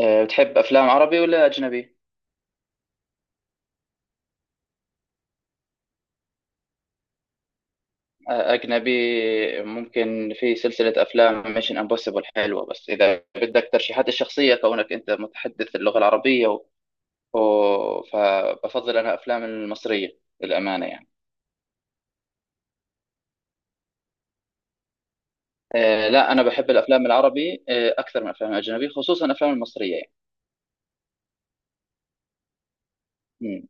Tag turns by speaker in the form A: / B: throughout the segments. A: بتحب أفلام عربي ولا أجنبي؟ أجنبي. ممكن في سلسلة أفلام ميشن امبوسيبل حلوة، بس إذا بدك ترشيحات الشخصية كونك أنت متحدث اللغة العربية و... فبفضل أنا أفلام المصرية للأمانة، يعني. لا، أنا بحب الأفلام العربي أكثر من الأفلام الأجنبي، خصوصا الأفلام المصرية، يعني.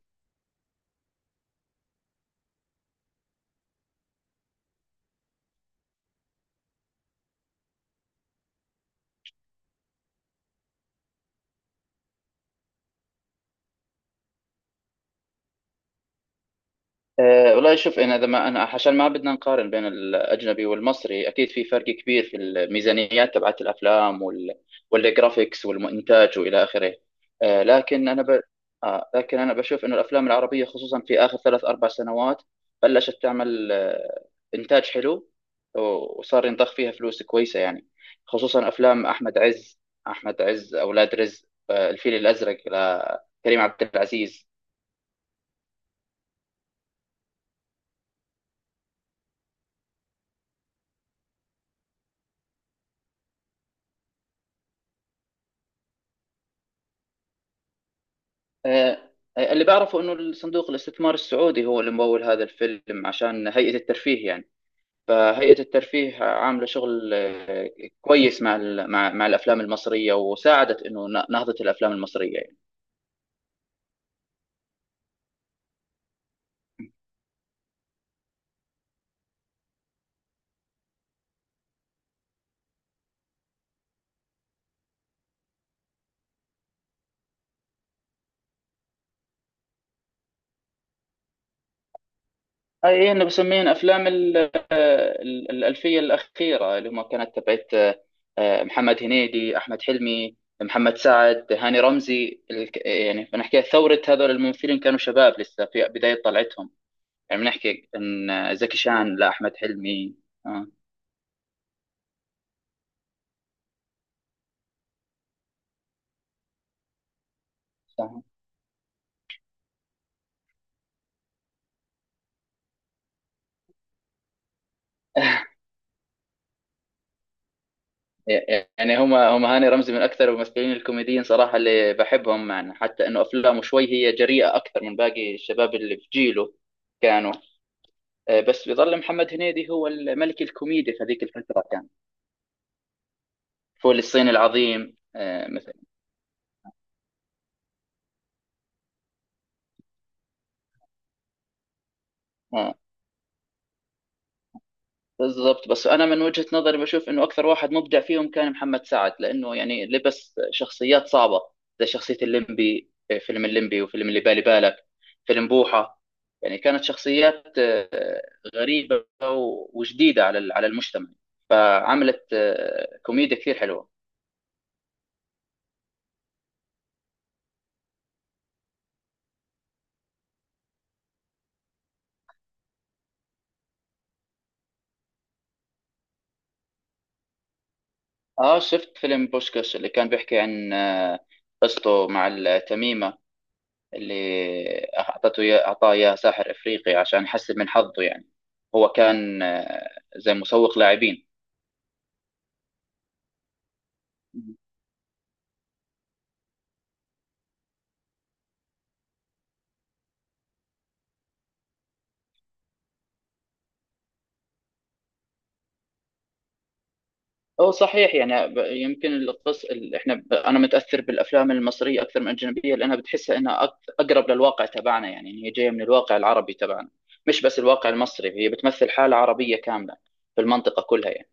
A: والله شوف، انا اذا ما انا عشان ما بدنا نقارن بين الاجنبي والمصري، اكيد في فرق كبير في الميزانيات تبعت الافلام والجرافيكس والمونتاج والى اخره. أه لكن انا ب... آه لكن انا بشوف انه الافلام العربيه خصوصا في اخر ثلاث اربع سنوات بلشت تعمل انتاج حلو، وصار ينضخ فيها فلوس كويسه يعني. خصوصا افلام احمد عز، اولاد رزق، الفيل الازرق لكريم عبد العزيز. آه، اللي بعرفه انه الصندوق الاستثمار السعودي هو اللي ممول هذا الفيلم عشان هيئة الترفيه يعني. فهيئة الترفيه عاملة شغل كويس مع ال- مع مع الافلام المصرية، وساعدت انه نهضة الافلام المصرية يعني. اي، انا بسميهم افلام الالفية الاخيرة، اللي هم كانت تبعت محمد هنيدي، احمد حلمي، محمد سعد، هاني رمزي. يعني بنحكي ثورة. هذول الممثلين كانوا شباب لسه في بداية طلعتهم، يعني بنحكي ان زكي شان لاحمد حلمي. اه، صح. يعني هم هاني رمزي من اكثر الممثلين الكوميديين صراحه اللي بحبهم معنا، حتى انه افلامه شوي هي جريئه اكثر من باقي الشباب اللي في جيله كانوا. بس بيظل محمد هنيدي هو الملك الكوميدي في هذيك الفتره كان. فول الصين العظيم مثلا. آه. بالضبط. بس انا من وجهة نظري بشوف انه اكثر واحد مبدع فيهم كان محمد سعد، لانه يعني لبس شخصيات صعبة زي شخصية الليمبي. فيلم الليمبي، وفيلم اللي بالي بالك، فيلم بوحة. يعني كانت شخصيات غريبة وجديدة على على المجتمع، فعملت كوميديا كثير حلوة. اه، شفت فيلم بوشكاش، اللي كان بيحكي عن قصته مع التميمة اللي أعطاه إياه ساحر إفريقي عشان يحسن من حظه يعني. هو كان زي مسوق لاعبين. هو صحيح يعني، يمكن القص ال- احنا ب- انا متاثر بالافلام المصريه اكثر من الاجنبيه، لانها بتحسها انها اقرب للواقع تبعنا يعني، إن هي جايه من الواقع العربي تبعنا. مش بس الواقع المصري، هي بتمثل حاله عربيه كامله في المنطقه كلها يعني.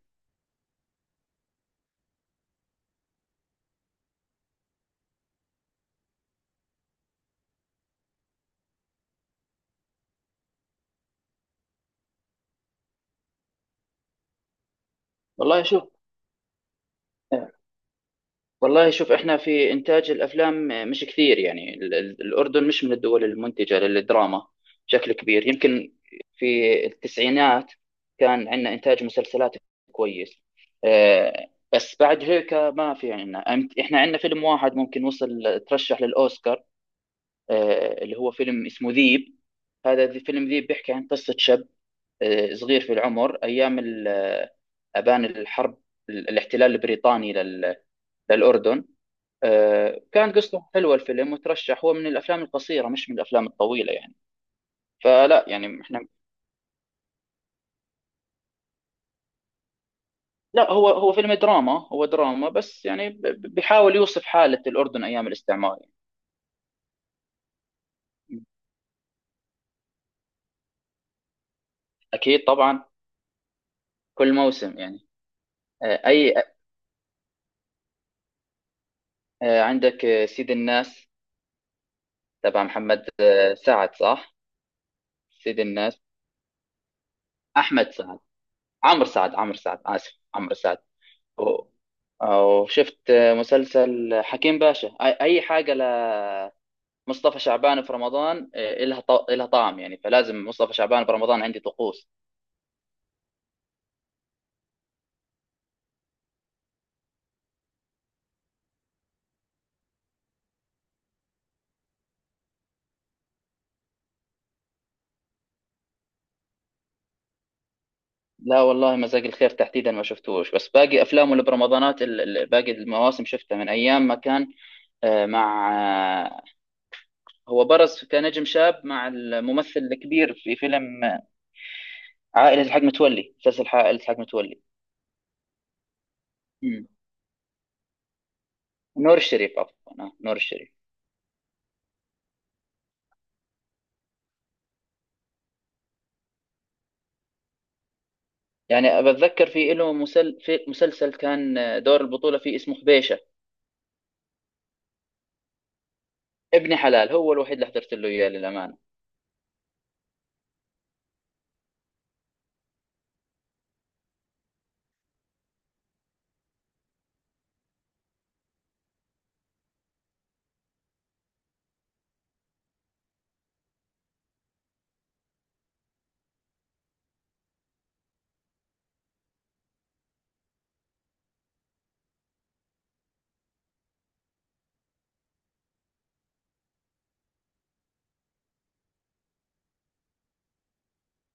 A: والله شوف، والله شوف، احنا في انتاج الافلام مش كثير يعني. الاردن مش من الدول المنتجه للدراما بشكل كبير. يمكن في التسعينات كان عندنا انتاج مسلسلات كويس، آه، بس بعد هيك ما في عندنا. احنا عندنا فيلم واحد ممكن وصل، ترشح للاوسكار، اللي هو فيلم اسمه ذيب. فيلم ذيب بيحكي عن قصه شاب صغير في العمر ايام آبان الحرب، الاحتلال البريطاني للاردن. كان قصته حلوه الفيلم، وترشح هو من الافلام القصيره مش من الافلام الطويله يعني. فلا يعني احنا. لا، هو هو فيلم دراما، هو دراما، بس يعني بيحاول يوصف حاله الاردن ايام الاستعمار يعني. اكيد طبعا، كل موسم يعني. اي، عندك سيد الناس تبع محمد سعد، صح. سيد الناس، احمد سعد، عمرو سعد، عمرو سعد، اسف، عمرو سعد. و- وشفت مسلسل حكيم باشا. أي، أي حاجة مصطفى شعبان في رمضان إلها إلها طعم، يعني فلازم مصطفى شعبان في رمضان عندي طقوس. لا والله، مزاج الخير تحديدا ما شفتوش، بس باقي أفلامه اللي برمضانات باقي المواسم شفتها من أيام ما كان آه، مع آه، هو برز كنجم شاب مع الممثل الكبير في فيلم عائلة الحاج متولي، مسلسل عائلة الحاج متولي. مم. نور الشريف، عفوا نور الشريف. يعني بتذكر في له في مسلسل كان دور البطولة فيه، اسمه خبيشة. ابن حلال هو الوحيد اللي حضرت له إياه، للأمانة.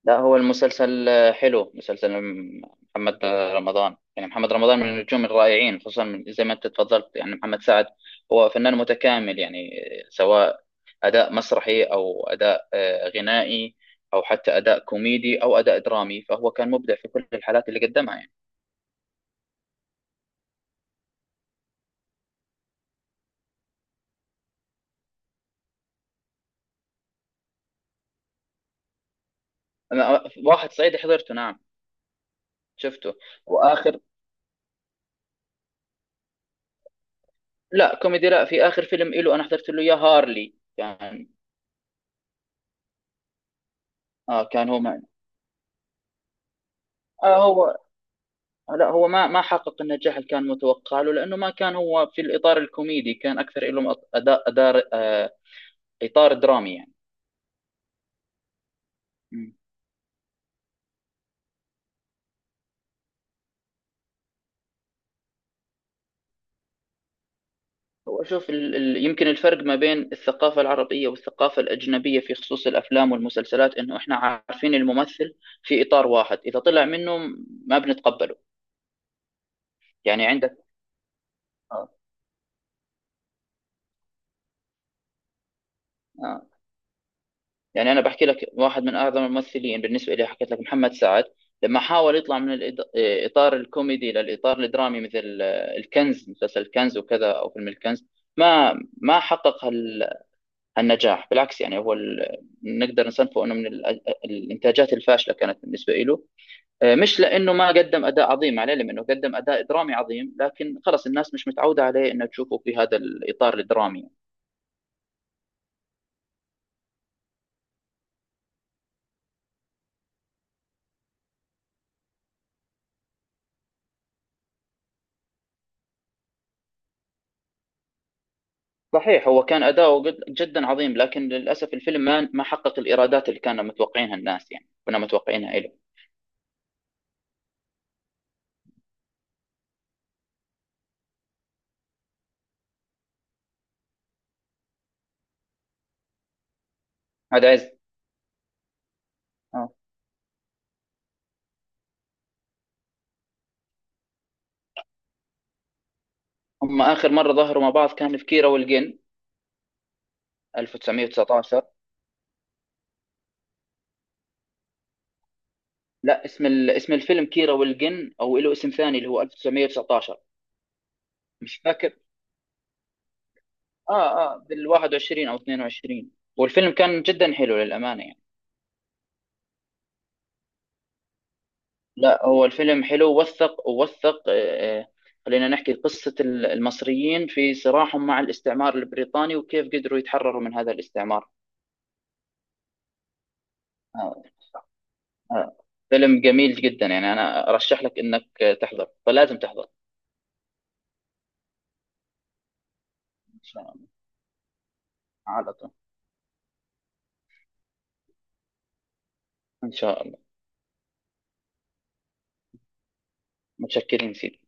A: لا، هو المسلسل حلو، مسلسل محمد رمضان. يعني محمد رمضان من النجوم الرائعين، خصوصا زي ما انت تفضلت يعني محمد سعد هو فنان متكامل يعني، سواء أداء مسرحي أو أداء غنائي أو حتى أداء كوميدي أو أداء درامي، فهو كان مبدع في كل الحالات اللي قدمها يعني. أنا واحد صعيدي حضرته، نعم، شفته. وآخر، لا، كوميدي لا. في آخر فيلم إله أنا حضرت له، يا هارلي، كان كان هو معنا. آه هو لا، هو ما ما حقق النجاح اللي كان متوقع له، لانه ما كان هو في الاطار الكوميدي، كان اكثر له أط- أداء أدار آه، اطار درامي يعني. مم. هو شوف، يمكن الفرق ما بين الثقافة العربية والثقافة الأجنبية في خصوص الأفلام والمسلسلات إنه إحنا عارفين الممثل في إطار واحد، إذا طلع منه ما بنتقبله. يعني عندك آه. آه، يعني أنا بحكي لك واحد من أعظم الممثلين بالنسبة لي، حكيت لك محمد سعد، لما حاول يطلع من الإطار الكوميدي للإطار الدرامي مثل الكنز، مسلسل الكنز وكذا أو فيلم الكنز، ما ما حقق هالنجاح. بالعكس يعني، هو نقدر نصنفه انه من الانتاجات الفاشله كانت بالنسبه له. مش لانه ما قدم اداء عظيم عليه، لانه قدم اداء درامي عظيم، لكن خلص الناس مش متعوده عليه انها تشوفه في هذا الاطار الدرامي. صحيح، هو كان جدا عظيم، لكن للأسف الفيلم ما ما حقق الإيرادات اللي كانوا متوقعينها الناس يعني، كنا متوقعينها له. هذا عز. آه. هم آخر مرة ظهروا مع بعض كان في كيرة والجن، 1919. لا، اسم الفيلم كيرة والجن، أو له اسم ثاني اللي هو 1919. مش فاكر. بال 21 أو 22، والفيلم كان جدا حلو للأمانة يعني. لا، هو الفيلم حلو، ووثق خلينا نحكي قصة المصريين في صراعهم مع الاستعمار البريطاني، وكيف قدروا يتحرروا من هذا الاستعمار. آه، آه، فيلم جميل جدا يعني، أنا أرشح لك إنك تحضر، فلازم تحضر. إن شاء الله، على طول، إن شاء الله. متشكرين سيدي.